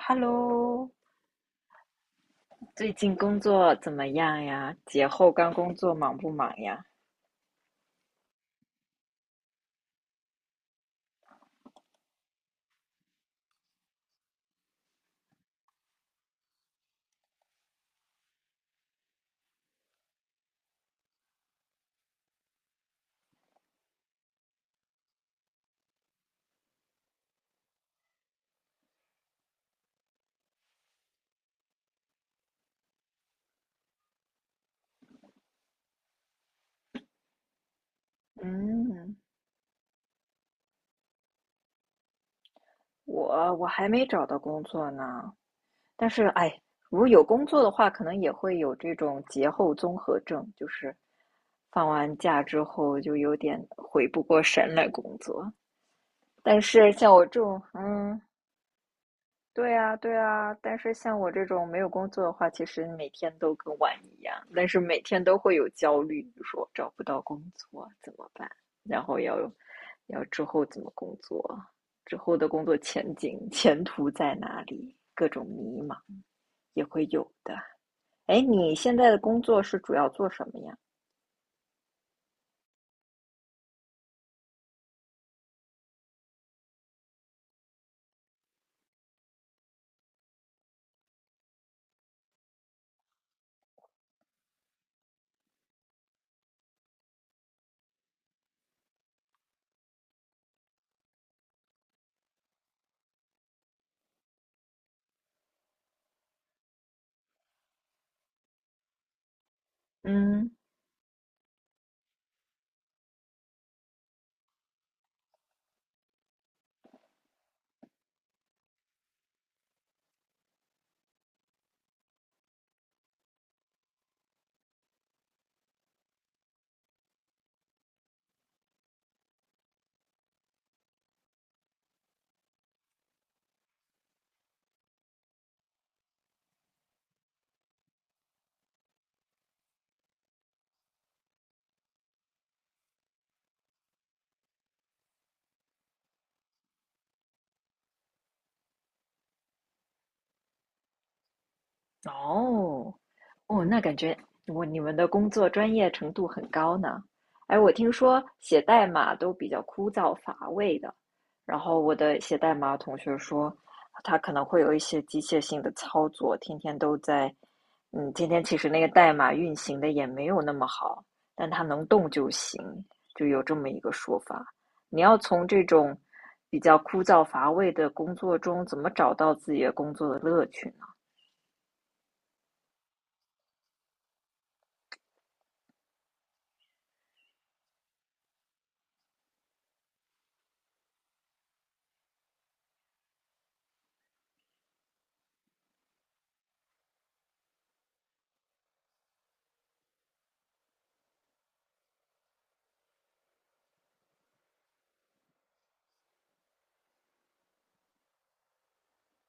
Hello，最近工作怎么样呀？节后刚工作忙不忙呀？嗯，我还没找到工作呢，但是哎，如果有工作的话，可能也会有这种节后综合症，就是放完假之后就有点回不过神来工作。但是像我这种，嗯，对啊，对啊，但是像我这种没有工作的话，其实每天都跟玩一样，但是每天都会有焦虑，比如说找不到工作怎么办，然后要之后怎么工作，之后的工作前景、前途在哪里，各种迷茫也会有的。哎，你现在的工作是主要做什么呀？嗯。哦，哦，那感觉你们的工作专业程度很高呢。哎，我听说写代码都比较枯燥乏味的，然后我的写代码同学说，他可能会有一些机械性的操作，天天都在，嗯，天天其实那个代码运行的也没有那么好，但它能动就行，就有这么一个说法。你要从这种比较枯燥乏味的工作中，怎么找到自己的工作的乐趣呢？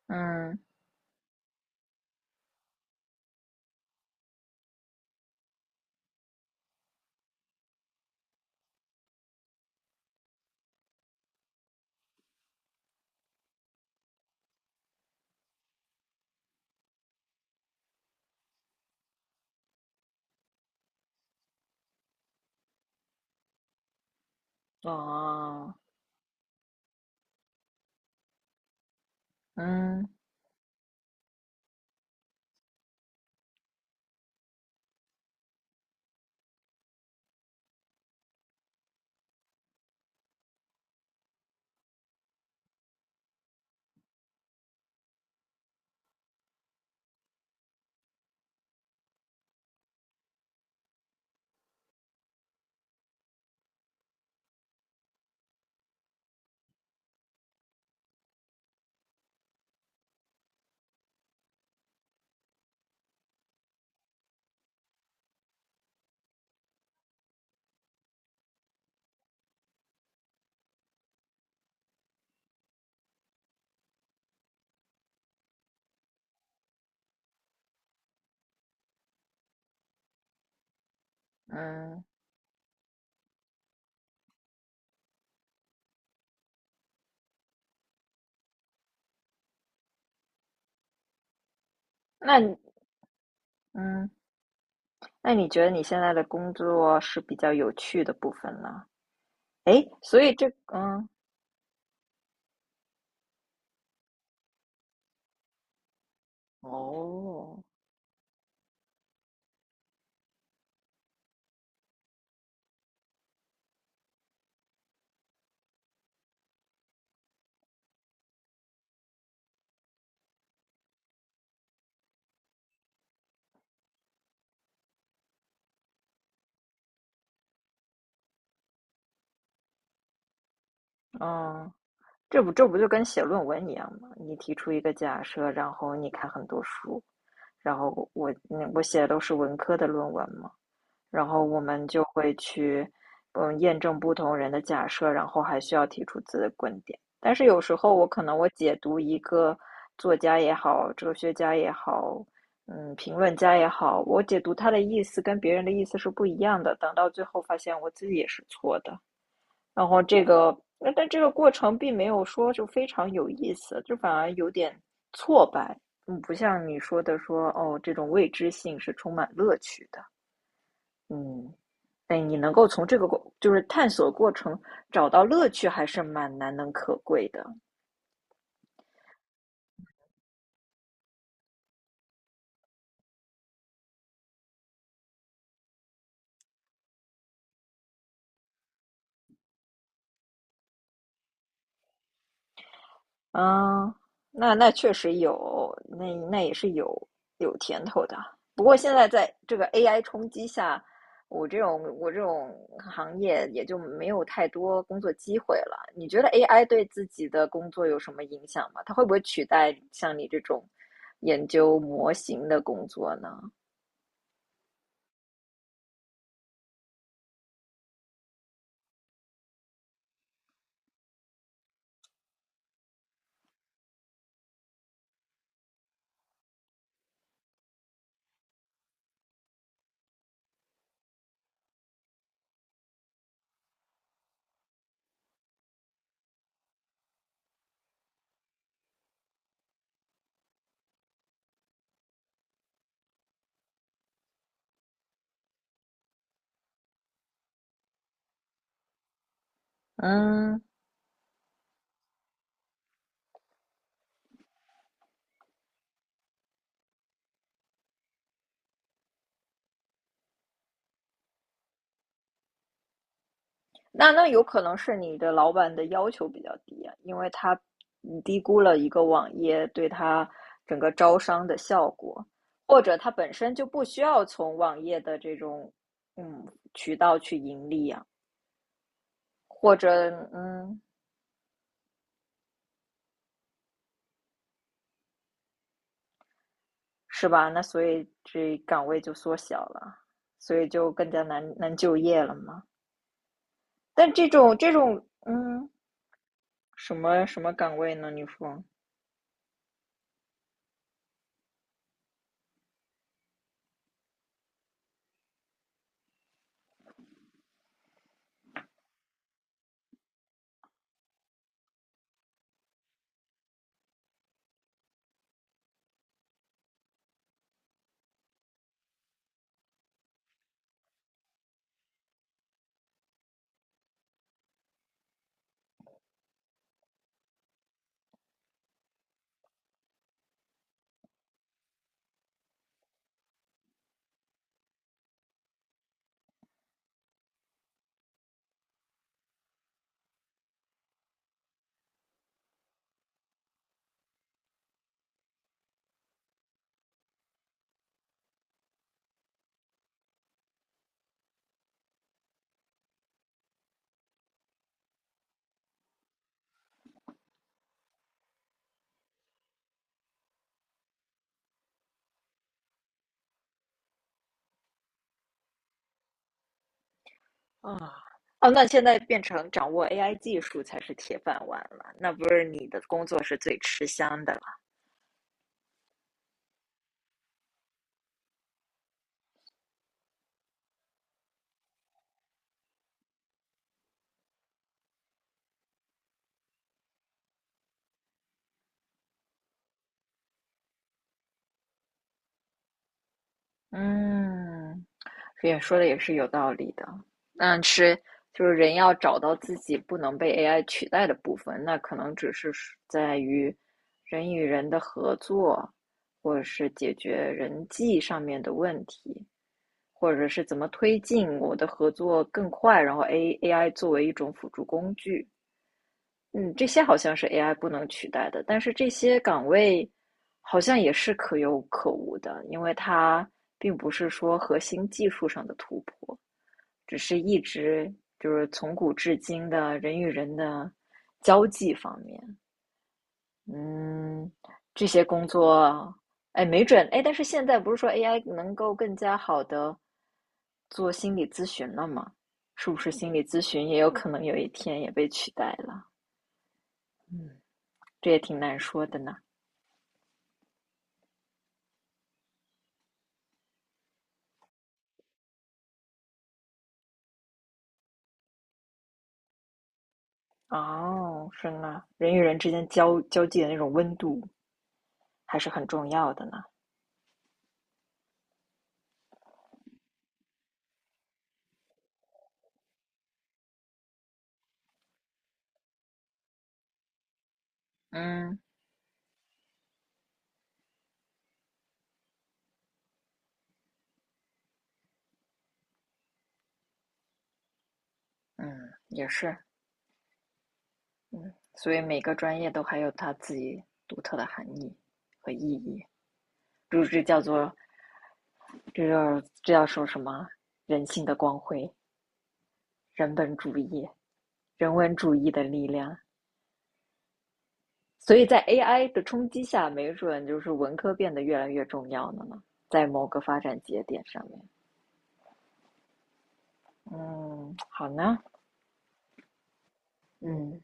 嗯。哦，嗯嗯，那你嗯，那你觉得你现在的工作是比较有趣的部分呢？诶，所以这嗯，哦，嗯，这不就跟写论文一样吗？你提出一个假设，然后你看很多书，然后我写的都是文科的论文嘛。然后我们就会去，嗯，验证不同人的假设，然后还需要提出自己的观点。但是有时候我可能我解读一个作家也好，哲学家也好，嗯，评论家也好，我解读他的意思跟别人的意思是不一样的。等到最后发现我自己也是错的，然后这个，但这个过程并没有说就非常有意思，就反而有点挫败。嗯，不像你说的说哦，这种未知性是充满乐趣的。嗯，哎，你能够从这个过，就是探索过程找到乐趣，还是蛮难能可贵的。嗯，那确实有，那也是有甜头的。不过现在在这个 AI 冲击下，我这种行业也就没有太多工作机会了。你觉得 AI 对自己的工作有什么影响吗？它会不会取代像你这种研究模型的工作呢？嗯。那那有可能是你的老板的要求比较低啊，因为他你低估了一个网页对他整个招商的效果，或者他本身就不需要从网页的这种嗯渠道去盈利啊，或者嗯是吧？那所以这岗位就缩小了，所以就更加难就业了嘛。但这种嗯什么岗位呢？你说？哦，那现在变成掌握 AI 技术才是铁饭碗了，那不是你的工作是最吃香的了。嗯，也说的也是有道理的。嗯，是，就是人要找到自己不能被 AI 取代的部分，那可能是在于人与人的合作，或者是解决人际上面的问题，或者是怎么推进我的合作更快，然后 AI 作为一种辅助工具。嗯，这些好像是 AI 不能取代的，但是这些岗位好像也是可有可无的，因为它并不是说核心技术上的突破，只是一直就是从古至今的人与人的交际方面，嗯，这些工作，哎，没准，哎，但是现在不是说 AI 能够更加好的做心理咨询了吗？是不是心理咨询也有可能有一天也被取代了？嗯。这也挺难说的呢。哦，是呢，人与人之间交际的那种温度还是很重要的呢。嗯嗯，也是，嗯，所以每个专业都还有它自己独特的含义和意义，这这叫做这叫这叫说什么？人性的光辉，人本主义，人文主义的力量。所以在 AI 的冲击下，没准就是文科变得越来越重要了呢，在某个发展节点上面。嗯，好呢，嗯，